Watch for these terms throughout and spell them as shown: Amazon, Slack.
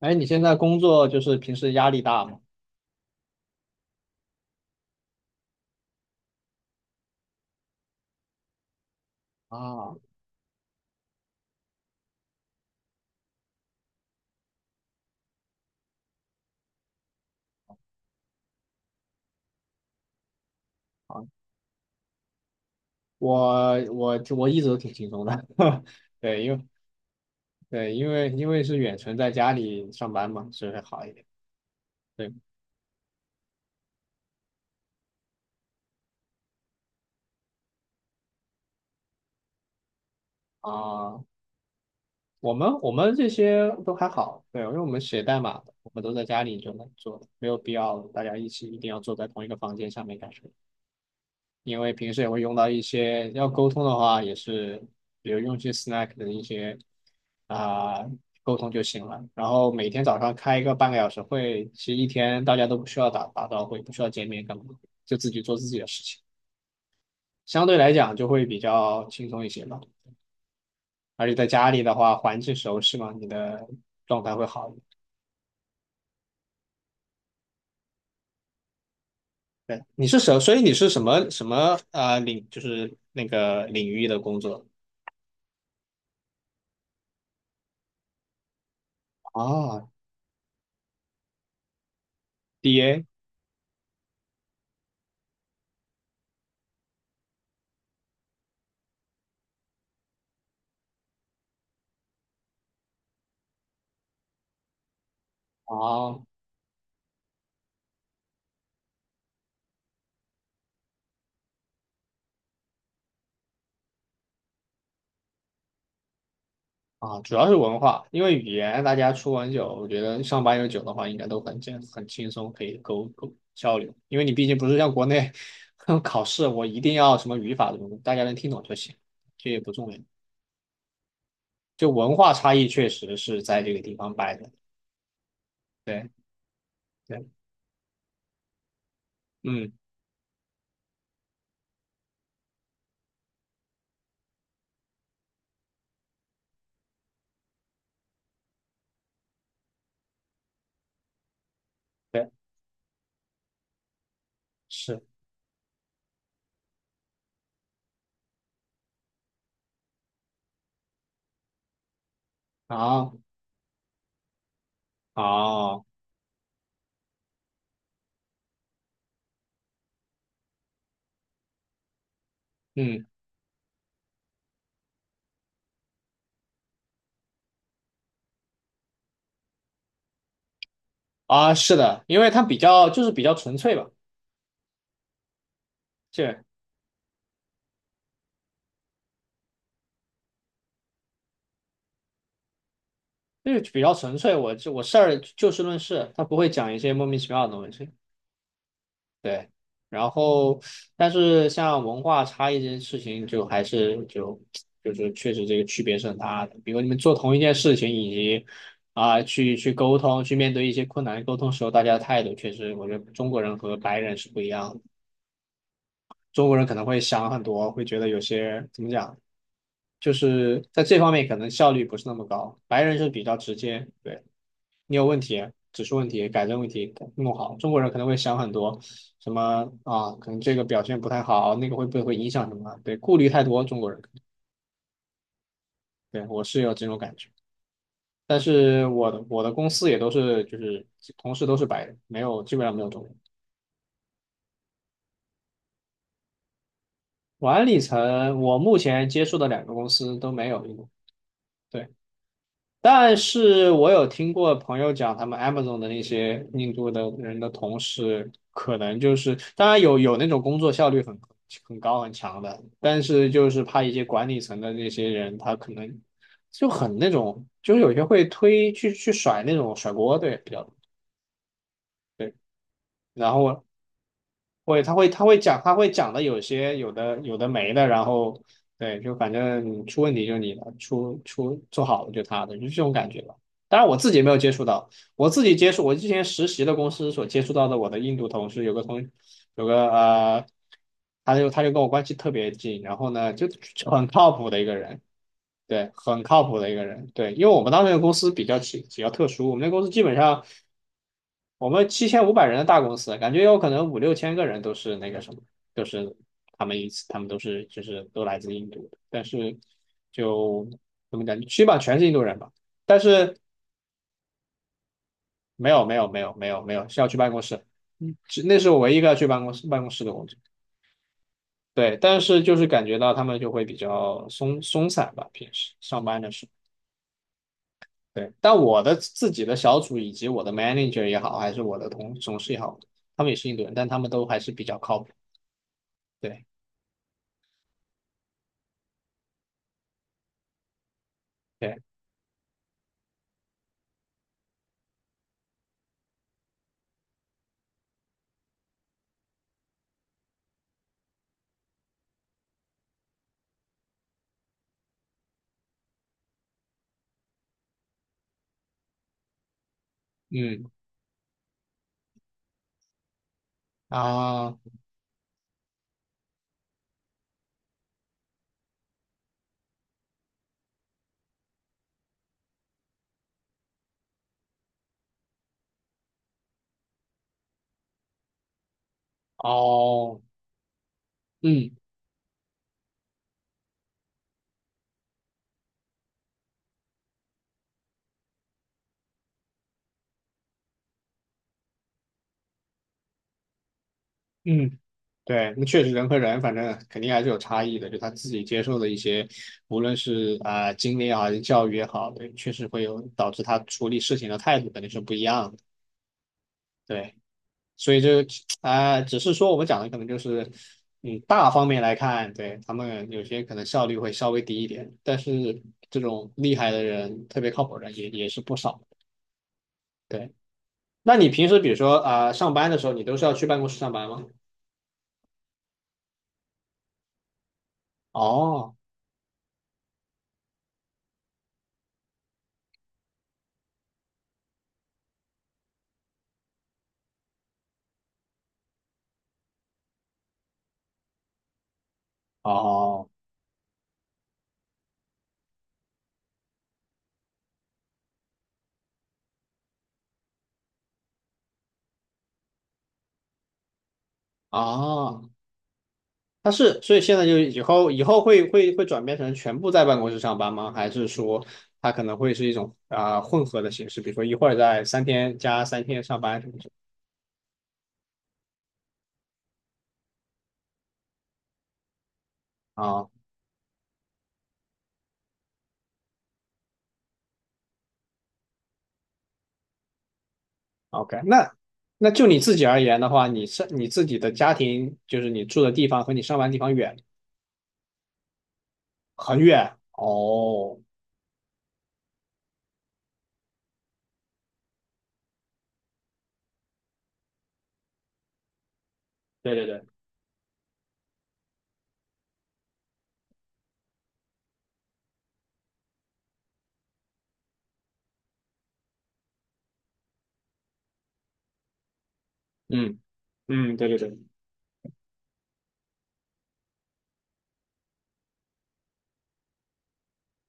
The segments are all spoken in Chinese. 哎，你现在工作就是平时压力大吗？啊啊，我一直都挺轻松的。对，因为对，因为是远程在家里上班嘛，所以会好一点。对啊，我们这些都还好，对，因为我们写代码的我们都在家里就能做的，没有必要大家一起一定要坐在同一个房间下面干什么。因为平时也会用到一些要沟通的话，也是比如用一些 Slack 的一些啊、沟通就行了。然后每天早上开一个半个小时会，其实一天大家都不需要打打招呼，也不需要见面干嘛，就自己做自己的事情，相对来讲就会比较轻松一些吧。而且在家里的话，环境熟悉嘛，你的状态会好一点。对，你是什，所以你是什么啊、呃领，就是那个领域的工作啊。DA。 啊，主要是文化，因为语言大家出完酒，我觉得上八有九的话，应该都很轻松，可以交流。因为你毕竟不是像国内 考试，我一定要什么语法什么的，大家能听懂就行，这也不重要。就文化差异确实是在这个地方摆的。对对，嗯，对，是啊。啊，嗯，啊，是的，因为它比较就是比较纯粹吧。这就是比较纯粹，我就我事儿就事论事，他不会讲一些莫名其妙的东西。对，然后但是像文化差异这件事情，就是确实这个区别是很大的。比如你们做同一件事情，以及去沟通，去面对一些困难沟通时候，大家的态度确实，我觉得中国人和白人是不一样的。中国人可能会想很多，会觉得有些怎么讲，就是在这方面可能效率不是那么高。白人是比较直接。对，你有问题，指出问题，改正问题，弄好。中国人可能会想很多，什么啊，可能这个表现不太好，那个会不会影响什么？对，顾虑太多，中国人。对，我是有这种感觉，但是我的公司也都是就是同事都是白人，没有基本上没有中国人。管理层，我目前接触的两个公司都没有一个。对。但是我有听过朋友讲，他们 Amazon 的那些印度的人的同事，可能就是，当然有那种工作效率很高很强的，但是就是怕一些管理层的那些人，他可能就很那种，就是有些会推去甩那种甩锅，对，比较多。对，然后会，他会讲，他会讲的有些有的没的，然后对，就反正出问题就是你的，做好了就他的，就是这种感觉吧。当然我自己没有接触到，我自己接触我之前实习的公司所接触到的我的印度同事，有个他就跟我关系特别近，然后呢就很靠谱的一个人。对，很靠谱的一个人。对，因为我们当时那个公司比较特殊。我们那个公司基本上我们7,500人的大公司，感觉有可能五六千个人都是那个什么，都是他们一次，他们都是就是都来自印度的，但是就怎么讲，基本上全是印度人吧。但是没有，没有，没有，没有，没有，是要去办公室。嗯，只那是我唯一一个要去办公室的工作。对，但是就是感觉到他们就会比较松散吧，平时上班的时候。对，但我的自己的小组以及我的 manager 也好，还是我的同事也好，他们也是印度人，但他们都还是比较靠谱。对。对，嗯，啊。哦，嗯嗯，对。那确实人和人，反正肯定还是有差异的。就他自己接受的一些，无论是经历啊，还是教育也好，对，确实会有导致他处理事情的态度肯定是不一样的。对，所以这只是说我们讲的可能就是，嗯，大方面来看，对，他们有些可能效率会稍微低一点，但是这种厉害的人，特别靠谱的人也是不少。对。那你平时比如说上班的时候，你都是要去办公室上班吗？哦，哦，哦，它是，所以现在就以后会转变成全部在办公室上班吗？还是说它可能会是一种混合的形式，比如说一会儿在三天加三天上班什么啊？OK。那那就你自己而言的话，你是你自己的家庭，就是你住的地方和你上班地方远很远。哦，对对对，嗯嗯，对对对。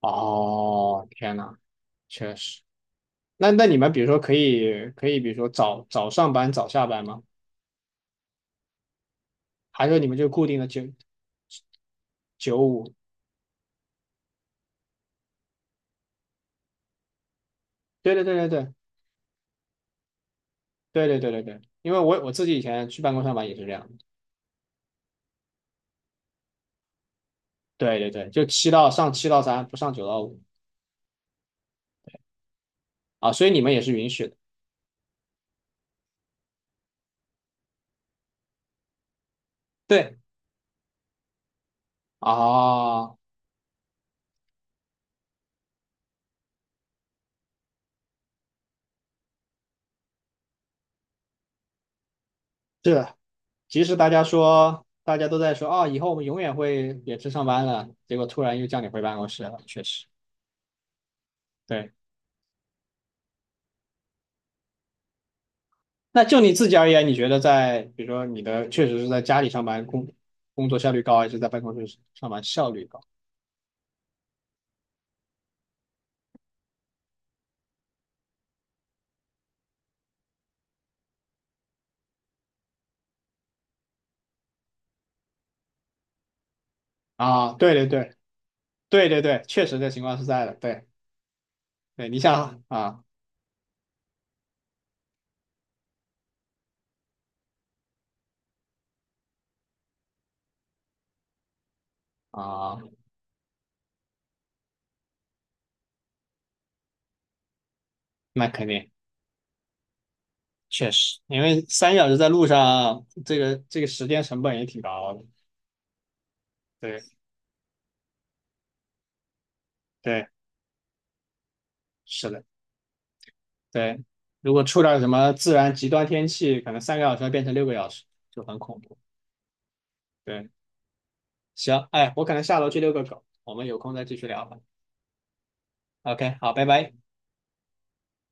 哦，天呐，确实。那你们比如说可以，比如说早早上班早下班吗？还是说你们就固定的九五？对对对对对对对对对对，因为我自己以前去办公上班也是这样的。对对对，就七到三，不上九到五。啊，所以你们也是允许的。对啊，是。即使大家都在说啊，以后我们永远会远程上班了，结果突然又叫你回办公室了，确实。对。那就你自己而言，你觉得在比如说你的确实是在家里上班工作效率高，还是在办公室上班效率高？啊，对对对对对对，确实这情况是在的。对对，你想啊。啊，那肯定确实，因为3小时在路上，这个时间成本也挺高的。对对，是的，对。如果出点什么自然极端天气，可能3个小时要变成6个小时，就很恐怖。对，行，哎，我可能下楼去遛个狗，我们有空再继续聊吧。OK，好，拜拜。